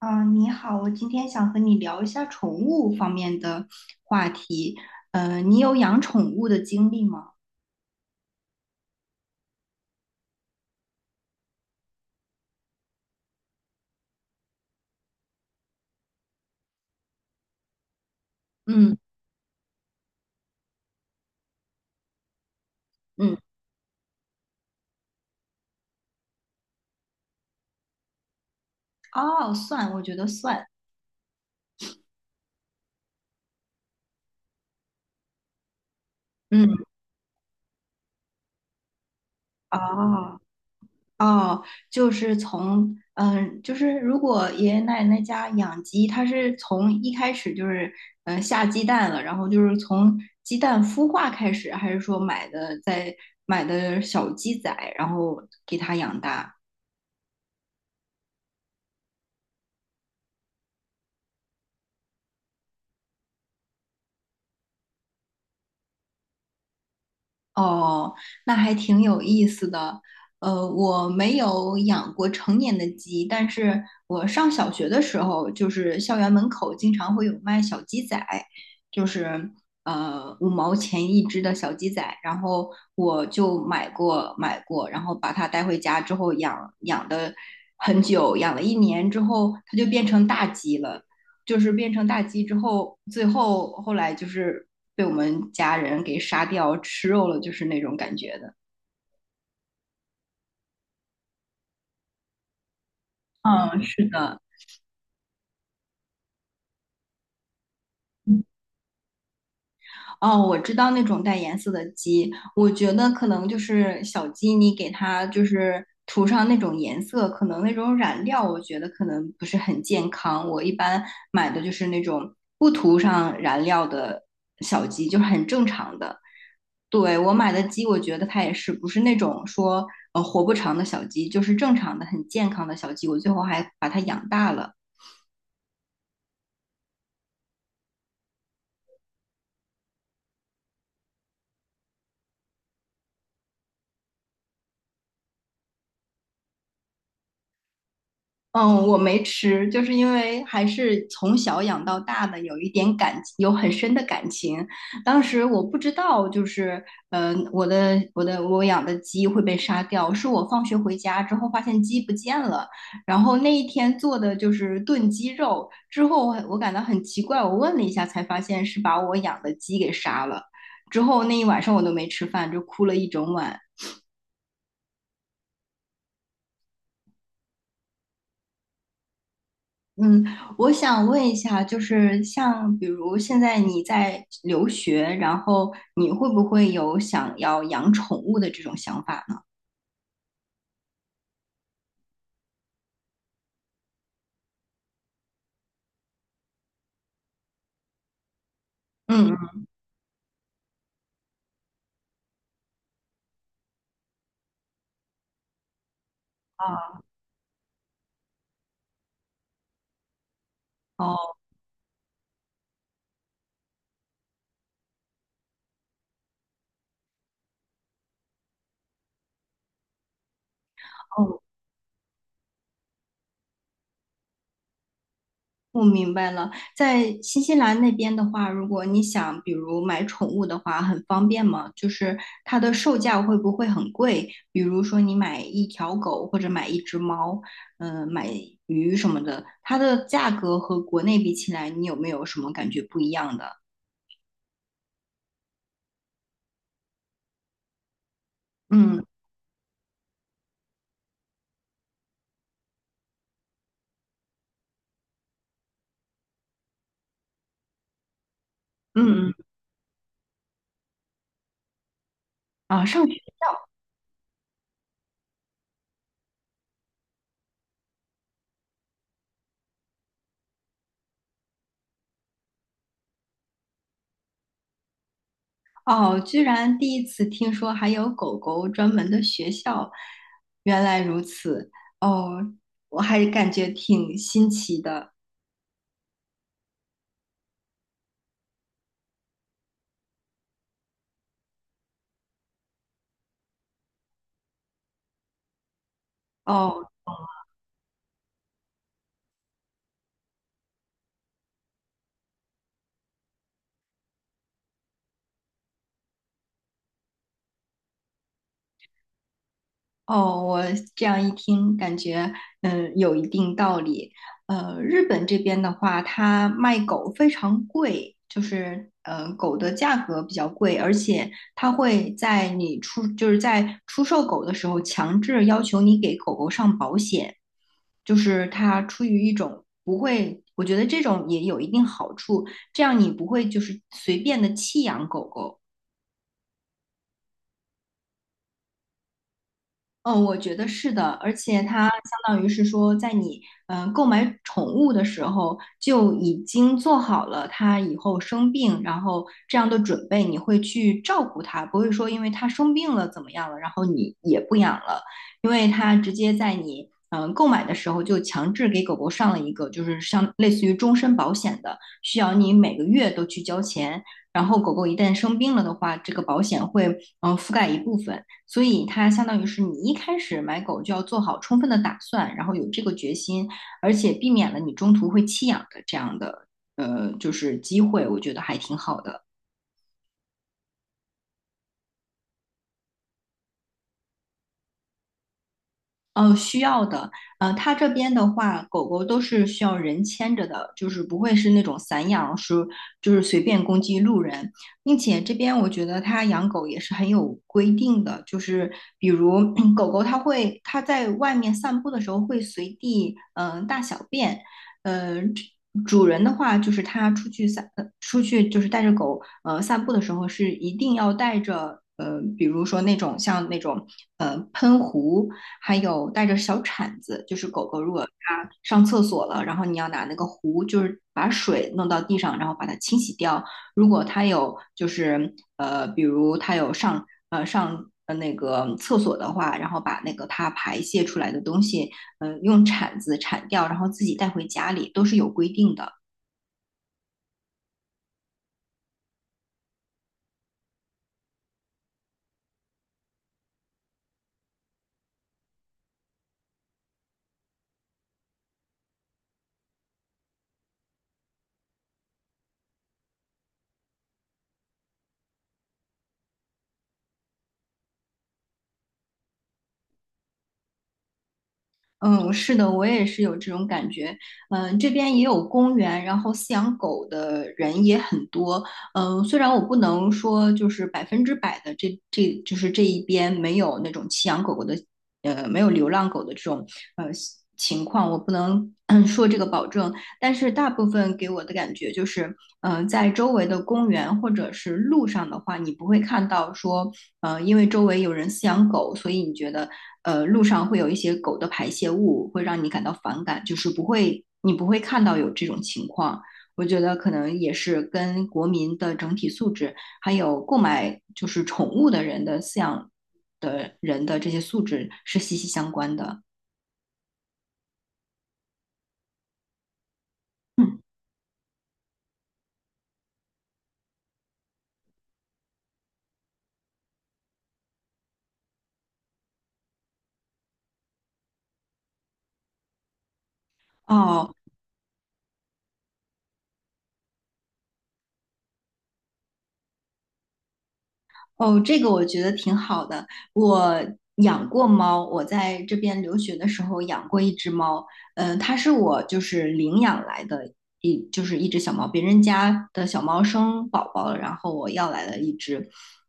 啊，你好，我今天想和你聊一下宠物方面的话题。你有养宠物的经历吗？嗯嗯，哦，算，我觉得算。嗯，哦哦，就是从就是如果爷爷奶奶家养鸡，它是从一开始就是下鸡蛋了，然后就是从鸡蛋孵化开始，还是说买的小鸡仔，然后给它养大？哦，那还挺有意思的。我没有养过成年的鸡，但是我上小学的时候，就是校园门口经常会有卖小鸡仔，就是五毛钱一只的小鸡仔，然后我就买过，然后把它带回家之后养的很久，养了一年之后，它就变成大鸡了。就是变成大鸡之后，后来就是被我们家人给杀掉吃肉了，就是那种感觉的。嗯，是的，嗯哦，我知道那种带颜色的鸡，我觉得可能就是小鸡，你给它就是涂上那种颜色，可能那种染料，我觉得可能不是很健康。我一般买的就是那种不涂上染料的小鸡，就是很正常的。对，我买的鸡，我觉得它也是不是那种说活不长的小鸡，就是正常的、很健康的小鸡。我最后还把它养大了。嗯，我没吃，就是因为还是从小养到大的，有一点感，有很深的感情。当时我不知道，就是，我养的鸡会被杀掉，是我放学回家之后发现鸡不见了，然后那一天做的就是炖鸡肉，之后我感到很奇怪，我问了一下才发现是把我养的鸡给杀了。之后那一晚上我都没吃饭，就哭了一整晚。嗯，我想问一下，就是像比如现在你在留学，然后你会不会有想要养宠物的这种想法呢？嗯嗯，哦哦，我明白了。在新西兰那边的话，如果你想比如买宠物的话，很方便吗？就是它的售价会不会很贵？比如说你买一条狗或者买一只猫，买鱼什么的，它的价格和国内比起来，你有没有什么感觉不一样的？嗯。嗯嗯啊，上学哦，居然第一次听说还有狗狗专门的学校，原来如此哦，我还感觉挺新奇的哦。哦，我这样一听，感觉有一定道理。日本这边的话，它卖狗非常贵，就是狗的价格比较贵，而且它会在你出就是在出售狗的时候，强制要求你给狗狗上保险，就是它出于一种不会，我觉得这种也有一定好处，这样你不会就是随便的弃养狗狗。嗯，我觉得是的，而且它相当于是说，在你购买宠物的时候就已经做好了它以后生病，然后这样的准备，你会去照顾它，不会说因为它生病了怎么样了，然后你也不养了，因为它直接在你购买的时候就强制给狗狗上了一个就是像类似于终身保险的，需要你每个月都去交钱，然后狗狗一旦生病了的话，这个保险会覆盖一部分。所以它相当于是你一开始买狗就要做好充分的打算，然后有这个决心，而且避免了你中途会弃养的这样的就是机会，我觉得还挺好的。需要的，它这边的话，狗狗都是需要人牵着的，就是不会是那种散养，是就是随便攻击路人，并且这边我觉得它养狗也是很有规定的，就是比如 狗狗它会它在外面散步的时候会随地大小便，呃，主人的话就是他出去出去就是带着狗散步的时候是一定要带着，比如说那种喷壶。还有带着小铲子，就是狗狗如果它上厕所了，然后你要拿那个壶，就是把水弄到地上，然后把它清洗掉。如果它有就是，比如它有上那个厕所的话，然后把那个它排泄出来的东西，用铲子铲掉，然后自己带回家里，都是有规定的。嗯，是的，我也是有这种感觉。嗯，这边也有公园，然后饲养狗的人也很多。嗯，虽然我不能说就是百分之百的这就是这一边没有那种弃养狗狗的，没有流浪狗的这种呃情况，我不能说这个保证。但是大部分给我的感觉就是，在周围的公园或者是路上的话，你不会看到说，因为周围有人饲养狗，所以你觉得路上会有一些狗的排泄物，会让你感到反感，就是不会，你不会看到有这种情况。我觉得可能也是跟国民的整体素质，还有购买就是宠物的人的饲养的人的这些素质是息息相关的。哦，哦，这个我觉得挺好的。我养过猫，我在这边留学的时候养过一只猫，它是我就是领养来的就是一只小猫，别人家的小猫生宝宝了，然后我要来了一只，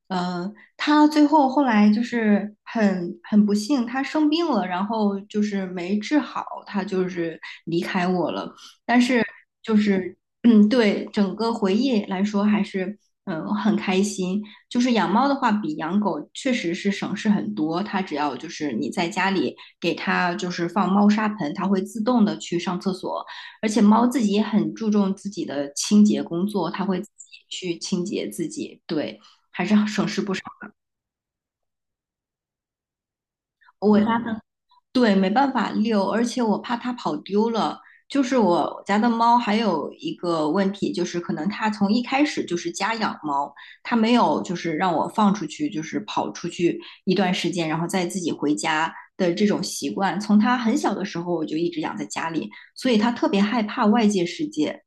它后来就是很不幸，它生病了，然后就是没治好，它就是离开我了，但是就是。嗯，对，整个回忆来说还是很开心。就是养猫的话，比养狗确实是省事很多。它只要就是你在家里给它就是放猫砂盆，它会自动的去上厕所。而且猫自己也很注重自己的清洁工作，它会自己去清洁自己。对，我家的对，没办法遛，而且我怕它跑丢了。就是我家的猫还有一个问题，就是可能它从一开始就是家养猫，它没有就是让我放出去，就是跑出去一段时间，然后再自己回家的这种习惯。从它很小的时候我就一直养在家里，所以他特别害怕外界世界。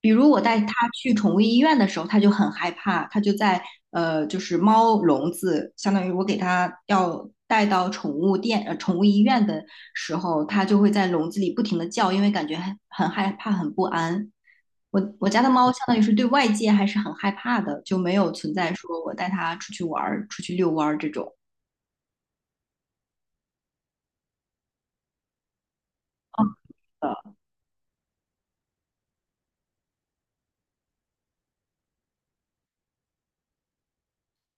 比如我带他去宠物医院的时候，他就很害怕，他就在就是猫笼子，相当于我给他要带到宠物店、宠物医院的时候，他就会在笼子里不停的叫，因为感觉很害怕、很不安。我家的猫相当于是对外界还是很害怕的，就没有存在说我带它出去玩儿、出去遛弯儿这种。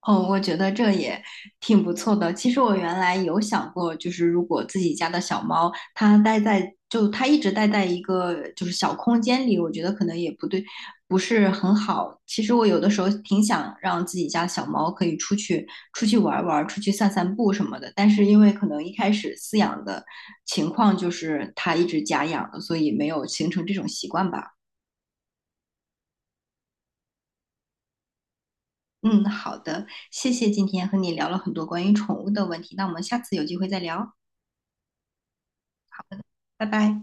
哦，我觉得这也挺不错的。其实我原来有想过，就是如果自己家的小猫它待在，就它一直待在一个就是小空间里，我觉得可能也不对，不是很好。其实我有的时候挺想让自己家小猫可以出去玩儿玩儿，出去散散步什么的。但是因为可能一开始饲养的情况就是它一直家养的，所以没有形成这种习惯吧。嗯，好的，谢谢今天和你聊了很多关于宠物的问题，那我们下次有机会再聊。拜拜。